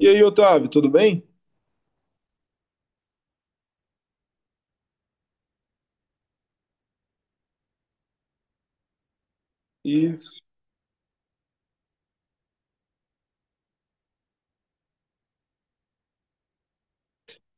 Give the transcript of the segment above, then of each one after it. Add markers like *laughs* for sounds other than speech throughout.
E aí, Otávio, tudo bem? E,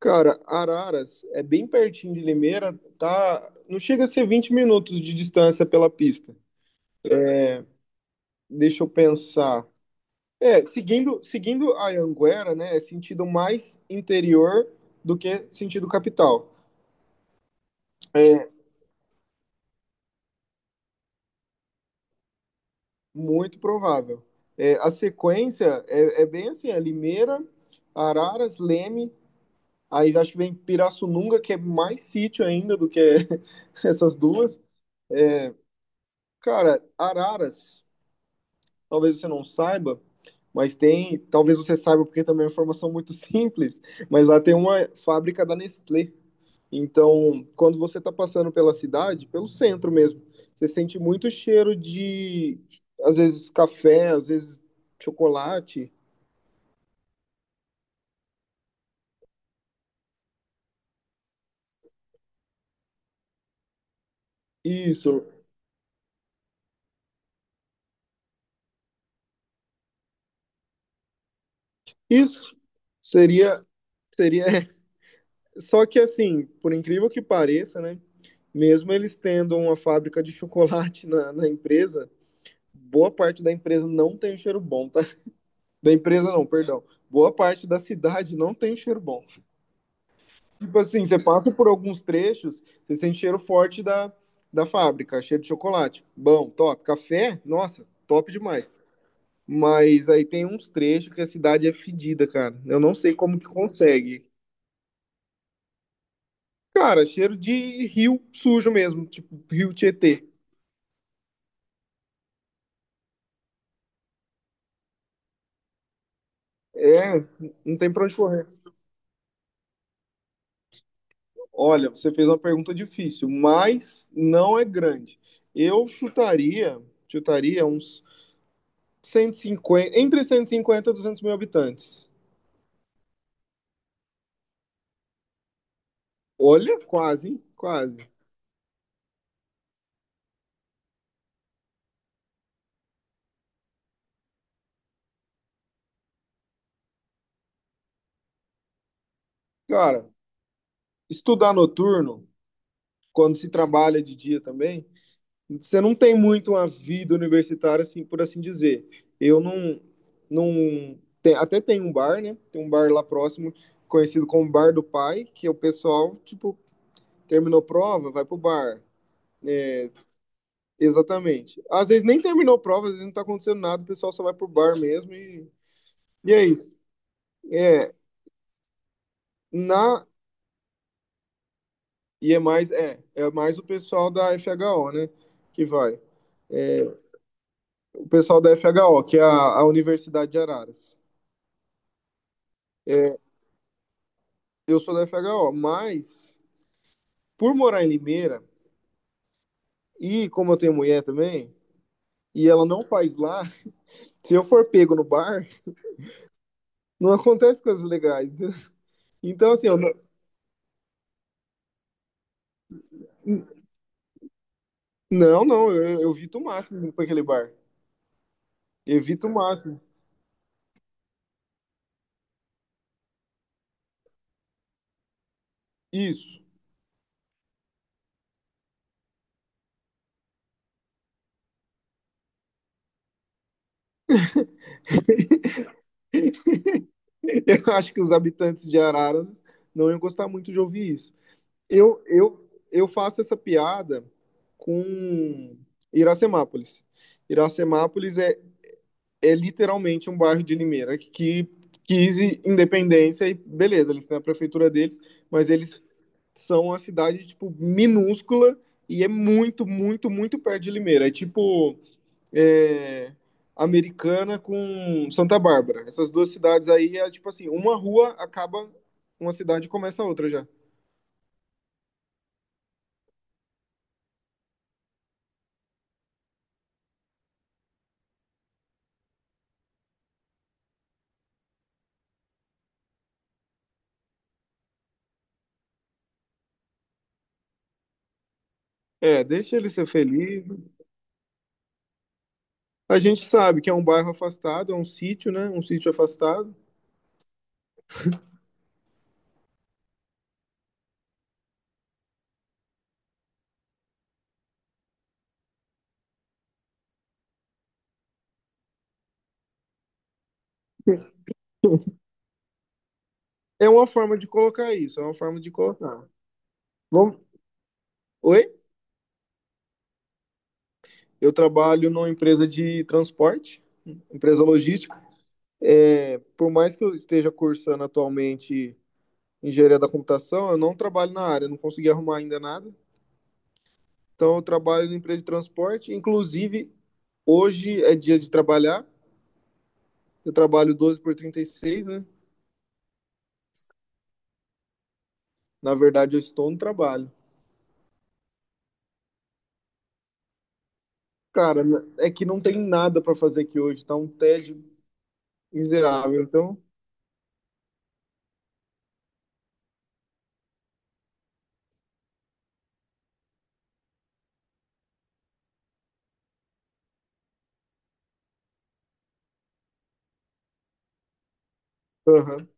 cara, Araras é bem pertinho de Limeira, tá? Não chega a ser 20 minutos de distância pela pista. Deixa eu pensar. É, seguindo a Anguera, né? É sentido mais interior do que sentido capital. É muito provável. É, a sequência é bem assim: é Limeira, Araras, Leme, aí acho que vem Pirassununga, que é mais sítio ainda do que *laughs* essas duas. Cara, Araras talvez você não saiba, mas tem, talvez você saiba porque também é uma informação muito *laughs* simples, mas lá tem uma fábrica da Nestlé. Então, quando você está passando pela cidade, pelo centro mesmo, você sente muito cheiro de, às vezes, café, às vezes, chocolate. Isso, isso seria, seria. *laughs* Só que assim, por incrível que pareça, né? Mesmo eles tendo uma fábrica de chocolate *laughs* na empresa, boa parte da empresa não tem um cheiro bom, tá? Da empresa não, perdão. Boa parte da cidade não tem cheiro bom. Tipo assim, você passa por alguns trechos, você sente cheiro forte da fábrica, cheiro de chocolate. Bom, top. Café, nossa, top demais. Mas aí tem uns trechos que a cidade é fedida, cara. Eu não sei como que consegue. Cara, cheiro de rio sujo mesmo, tipo rio Tietê. É, não tem pra onde correr. Olha, você fez uma pergunta difícil, mas não é grande. Eu chutaria uns 150 entre 150 e 200 mil habitantes. Olha, quase, quase. Cara, estudar noturno, quando se trabalha de dia também, você não tem muito uma vida universitária, assim, por assim dizer. Eu não. Não tem, até tem um bar, né? Tem um bar lá próximo, conhecido como Bar do Pai, que o pessoal, tipo, terminou prova, vai pro bar. Exatamente. Às vezes nem terminou prova, às vezes não tá acontecendo nada, o pessoal só vai pro bar mesmo e é isso. É, na, E é mais o pessoal da FHO, né? Que vai. O pessoal da FHO, que é a Universidade de Araras. Eu sou da FHO, mas por morar em Limeira, e como eu tenho mulher também, e ela não faz lá, *laughs* se eu for pego no bar, não acontece coisas legais, né? Então, assim, eu não, não, não, eu evito o máximo para aquele bar. Evito o máximo. Isso. *laughs* Eu acho que os habitantes de Araras não iam gostar muito de ouvir isso. Eu faço essa piada com Iracemápolis. Iracemápolis é literalmente um bairro de Limeira que quis independência e beleza, eles têm a prefeitura deles, mas eles são uma cidade tipo minúscula e é muito, muito, muito perto de Limeira. É tipo é, Americana com Santa Bárbara. Essas duas cidades aí é tipo assim, uma rua acaba uma cidade e começa a outra já. É, deixa ele ser feliz. A gente sabe que é um bairro afastado, é um sítio, né? Um sítio afastado. *laughs* É uma forma de colocar isso, é uma forma de colocar. Vamos. Oi? Eu trabalho numa empresa de transporte, empresa logística. É, por mais que eu esteja cursando atualmente engenharia da computação, eu não trabalho na área, não consegui arrumar ainda nada. Então, eu trabalho na empresa de transporte. Inclusive, hoje é dia de trabalhar. Eu trabalho 12 por 36, né? Na verdade, eu estou no trabalho. Cara, é que não tem nada pra fazer aqui hoje, tá um tédio miserável. Então, aham.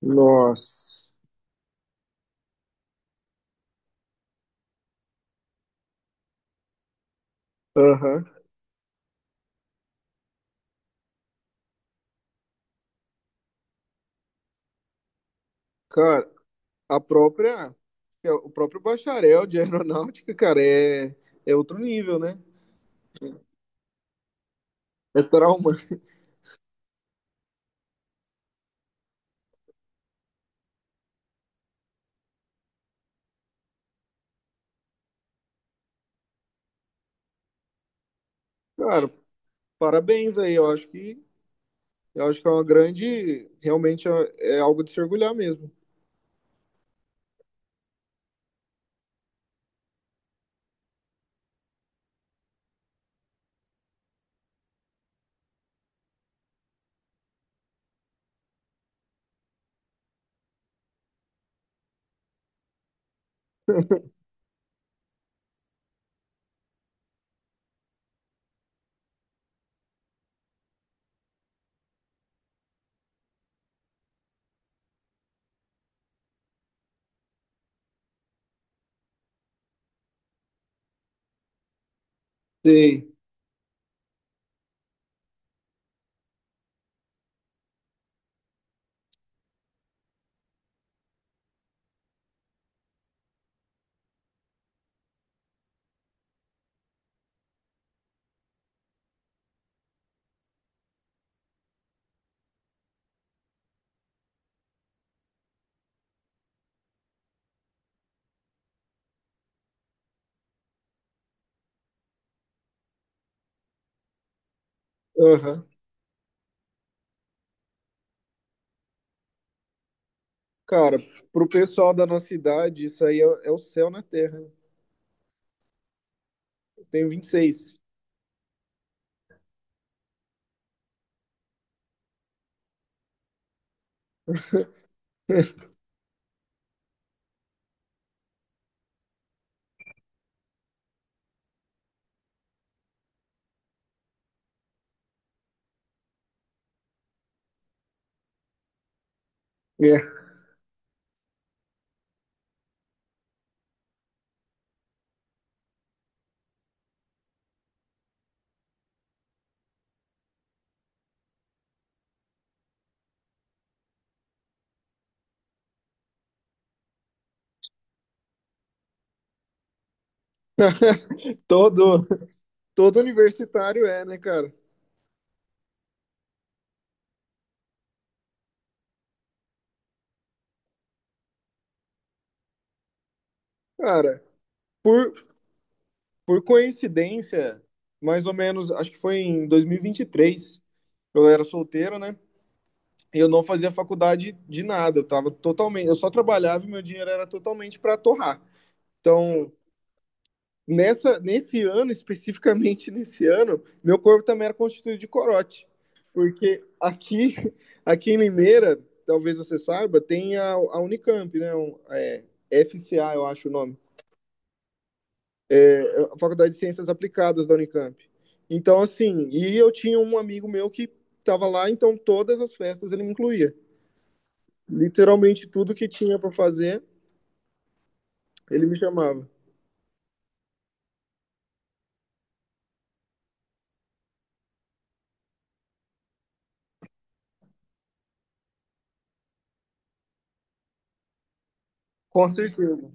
Nossa. Aham. Cara, a própria, o próprio bacharel de *laughs* aeronáutica, cara, é outro nível, né? É trauma. Cara, parabéns aí. Eu acho que é uma grande, realmente é algo de se orgulhar mesmo. Sei. Aham. Cara, pro pessoal da nossa idade, isso aí é o céu na terra, né? Eu tenho 26. *laughs* É. Todo Todo universitário é, né, cara? Cara, por, por coincidência, mais ou menos, acho que foi em dois mil e vinte e três. Eu era solteiro, né? E eu não fazia faculdade de nada, eu tava totalmente, eu só trabalhava e meu dinheiro era totalmente para torrar. Então, nesse ano, especificamente *laughs* nesse ano, meu corpo também era constituído de corote, porque aqui, *laughs* aqui em Limeira, talvez você saiba, tem a Unicamp, né? FCA, eu acho o nome a Faculdade de Ciências Aplicadas da Unicamp. Então, assim, e eu tinha um amigo meu que estava lá, então todas as festas ele me incluía. Literalmente tudo que tinha para fazer, ele me chamava. Com certeza.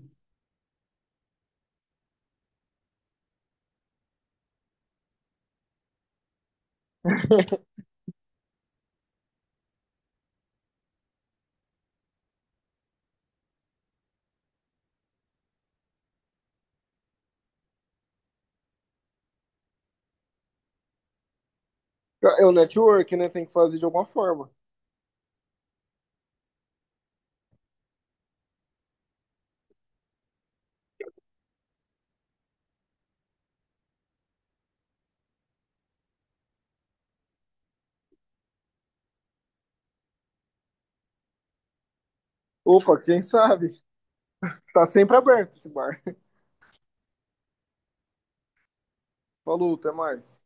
É o network, né? Tem que fazer de alguma forma. Opa, quem sabe? Tá sempre aberto esse bar. Falou, até mais.